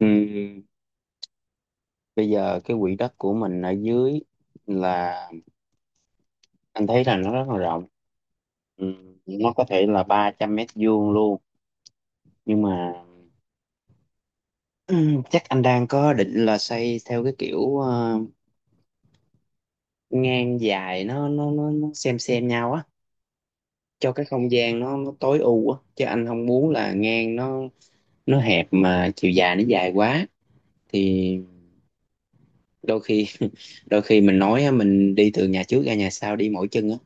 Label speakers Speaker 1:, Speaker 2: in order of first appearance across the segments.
Speaker 1: Ừ, bây giờ cái quỹ đất của mình ở dưới là anh thấy là nó rất là rộng, ừ, nó có thể là 300 m² luôn, nhưng mà ừ, chắc anh đang có định là xây theo cái kiểu ngang dài, nó xem nhau á, cho cái không gian nó tối ưu á, chứ anh không muốn là ngang nó hẹp mà chiều dài nó dài quá, thì đôi khi đôi khi mình nói á, mình đi từ nhà trước ra nhà sau đi mỗi chân á.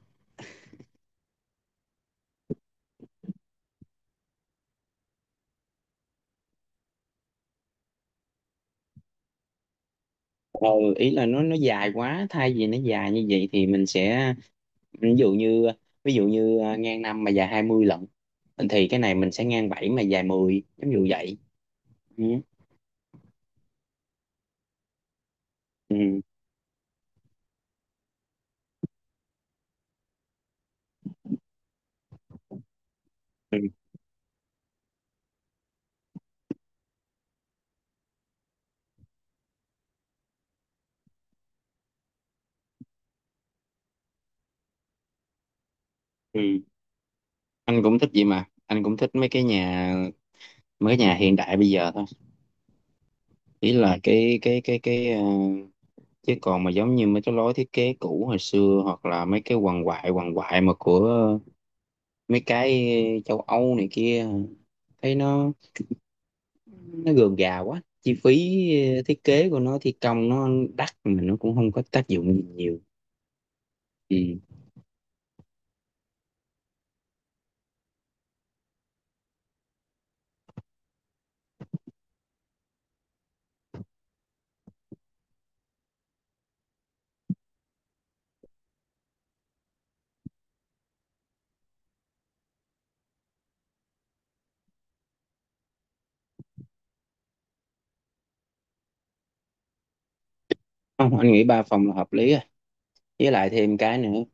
Speaker 1: ờ Ý là nó dài quá, thay vì nó dài như vậy thì mình sẽ, ví dụ như ngang năm mà dài 20 lận, thì cái này mình sẽ ngang 7 mà dài 10 giống như vậy. Ừ. Ừ. Ừ. Ừ. Anh cũng thích vậy, mà anh cũng thích mấy cái nhà hiện đại bây giờ thôi. Ý là chứ còn mà giống như mấy cái lối thiết kế cũ hồi xưa, hoặc là mấy cái hoàng hoại mà của mấy cái châu Âu này kia, thấy nó gườm gà quá, chi phí, thiết kế của nó, thi công nó đắt mà nó cũng không có tác dụng gì nhiều. Ừ. Không, anh nghĩ ba phòng là hợp lý rồi, với lại thêm cái nữa,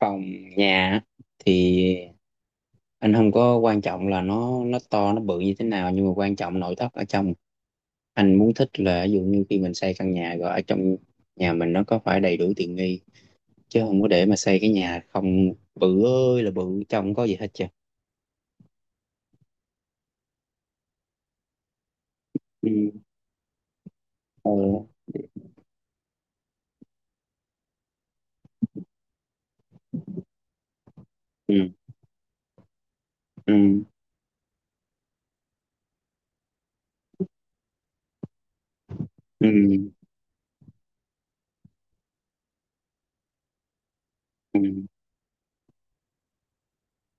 Speaker 1: phòng nhà á, thì anh không có quan trọng là nó to nó bự như thế nào, nhưng mà quan trọng nội thất ở trong. Anh muốn thích là ví dụ như khi mình xây căn nhà rồi, ở trong nhà mình nó có phải đầy đủ tiện nghi, chứ không có để mà xây cái nhà không, bự ơi là bự, trong không có gì hết trơn. Ừ. Ừ. Ừ. Ừ. Ừ. Ừ.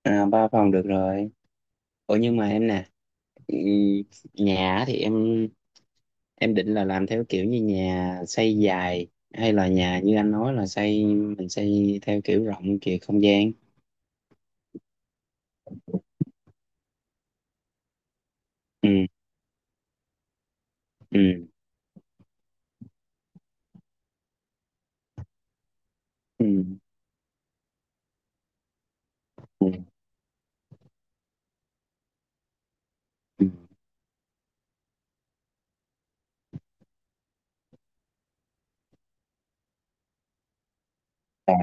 Speaker 1: À, ba phòng được rồi. Ủa nhưng mà em nè, ừ, nhà á thì em định là làm theo kiểu như nhà xây dài, hay là nhà như anh nói là xây, mình xây theo kiểu rộng kiểu không gian. Ừ, ừ, ừ, ừ. Ừ. À,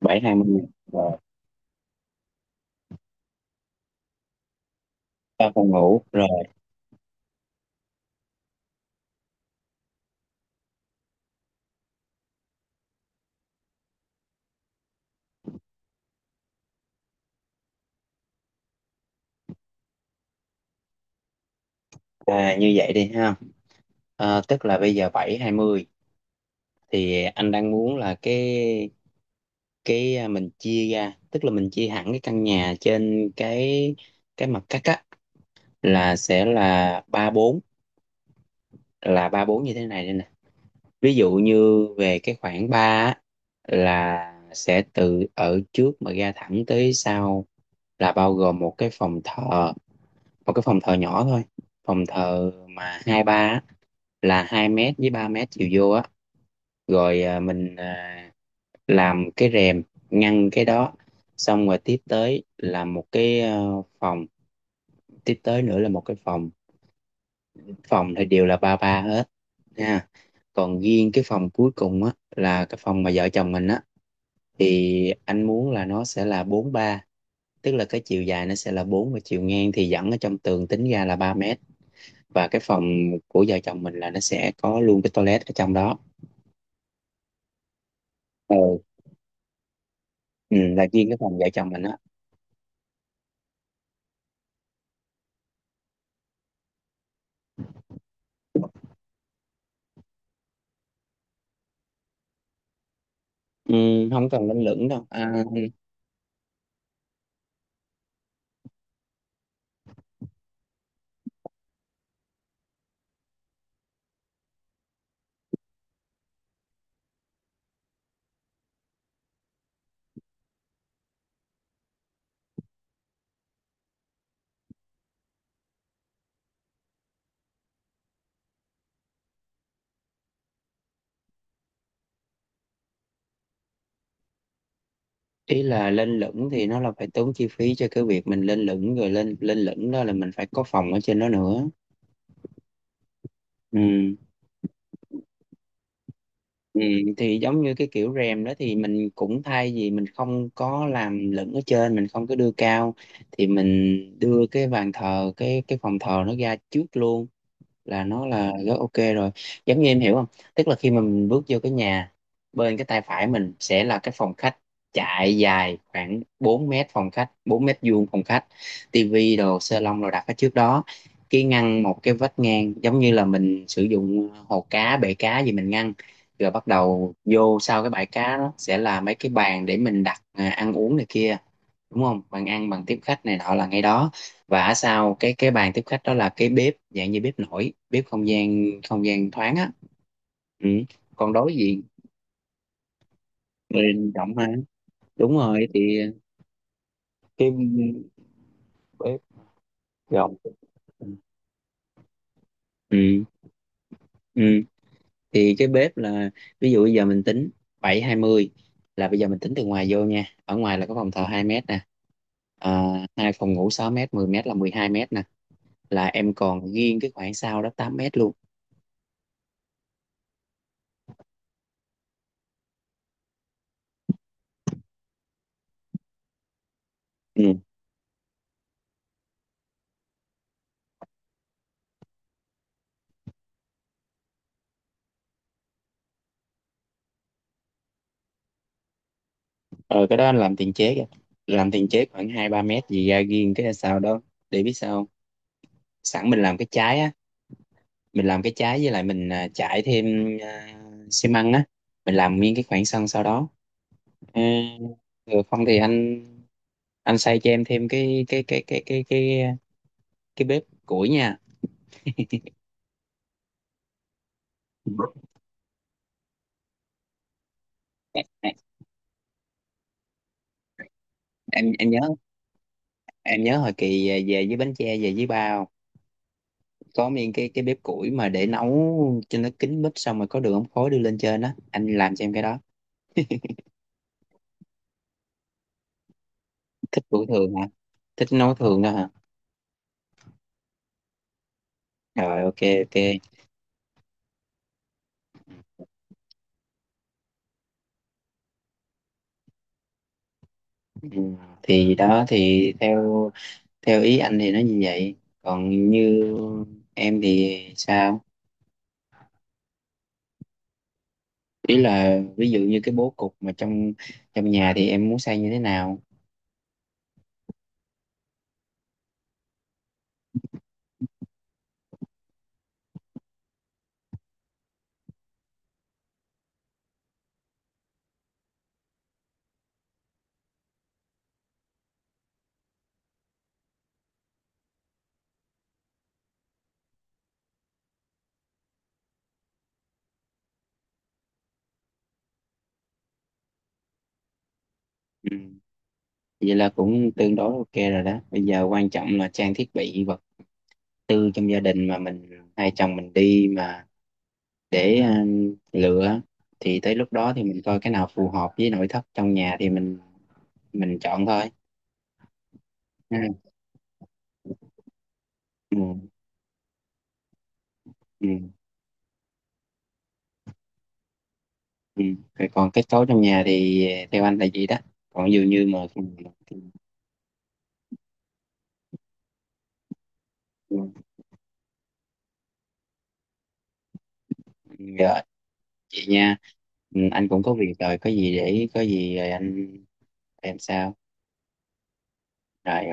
Speaker 1: bảy hai mươi rồi, ba phòng ngủ rồi. À, như vậy đi ha. À, tức là bây giờ bảy hai mươi, thì anh đang muốn là mình chia ra, tức là mình chia hẳn cái căn nhà trên cái mặt cắt á, là sẽ là ba bốn, là ba bốn như thế này đây nè. Ví dụ như về cái khoảng 3 á, là sẽ từ ở trước mà ra thẳng tới sau là bao gồm một cái phòng thờ, một cái phòng thờ nhỏ thôi. Phòng thờ mà 23 á, là 2 mét với 3 mét chiều vô á, rồi mình, làm cái rèm ngăn cái đó. Xong rồi tiếp tới là một cái, phòng, tiếp tới nữa là một cái phòng phòng thì đều là ba ba hết nha, còn riêng cái phòng cuối cùng á là cái phòng mà vợ chồng mình á, thì anh muốn là nó sẽ là bốn ba, tức là cái chiều dài nó sẽ là bốn và chiều ngang thì dẫn ở trong tường tính ra là 3 mét, và cái phòng của vợ chồng mình là nó sẽ có luôn cái toilet ở trong đó. ừ, ừ là riêng cái phòng vợ chồng mình á. Ừ, không cần lên lửng đâu. Ý là lên lửng thì nó là phải tốn chi phí cho cái việc mình lên lửng, rồi lên lên lửng đó là mình phải có phòng ở trên đó nữa ừ Ừ, thì giống như cái kiểu rèm đó thì mình cũng, thay vì mình không có làm lửng ở trên, mình không có đưa cao thì mình đưa cái bàn thờ, cái phòng thờ nó ra trước luôn là nó là rất ok rồi, giống như em hiểu không. Tức là khi mà mình bước vô cái nhà, bên cái tay phải mình sẽ là cái phòng khách, chạy dài khoảng 4 mét, phòng khách 4 m², phòng khách tivi đồ sê lông đồ đặt ở trước đó, cái ngăn một cái vách ngang giống như là mình sử dụng, hồ cá bể cá gì mình ngăn, rồi bắt đầu vô sau cái bãi cá đó sẽ là mấy cái bàn để mình đặt, ăn uống này kia, đúng không, bàn ăn bàn tiếp khách này nọ là ngay đó. Và ở sau cái bàn tiếp khách đó là cái bếp dạng như bếp nổi, bếp không gian thoáng á. Ừ. Còn đối diện, người rộng mà, đúng rồi thì cái bếp rộng. Ừ. Ừ. Thì cái bếp là, ví dụ bây giờ mình tính bảy hai mươi, là bây giờ mình tính từ ngoài vô nha. Ở ngoài là có phòng thờ 2 mét nè. À, hai phòng ngủ 6 mét, 10 mét là 12 mét nè. Là em còn riêng cái khoảng sau đó 8 mét luôn. Ừ. ờ cái đó anh làm tiền chế kìa, làm tiền chế khoảng hai ba mét gì ra riêng cái sau đó, để biết sao không? Sẵn mình làm cái trái á, mình làm cái trái, với lại mình, trải thêm, à, xi măng á, mình làm nguyên cái khoảng sân sau đó. À, rồi không thì anh xây cho em thêm cái bếp củi nha. Em em em nhớ em nhớ hồi kỳ về với bánh tre về với bao, có miếng cái bếp củi mà để nấu cho nó kín bếp, xong rồi có đường ống khói đưa lên trên đó, anh làm cho em cái đó. Thích buổi thường hả? Thích nấu thường đó hả? Rồi, ok ok. Ừ. Thì đó thì theo theo ý anh thì nó như vậy, còn như em thì sao? Ý là ví dụ như cái bố cục mà trong trong nhà thì em muốn xây như thế nào. Ừ. Vậy là cũng tương đối ok rồi đó, bây giờ quan trọng là trang thiết bị vật tư trong gia đình mà mình, hai chồng mình đi mà, để lựa, thì tới lúc đó thì mình coi cái nào phù hợp với nội thất trong nhà thì mình chọn thôi. Ừ, ừ, ừ, ừ. Rồi còn kết cấu trong nhà thì theo anh là gì đó, còn dường như mà thì, ừ, dạ, chị nha. Ừ, anh cũng có việc rồi, có gì để có gì rồi anh em sau rồi.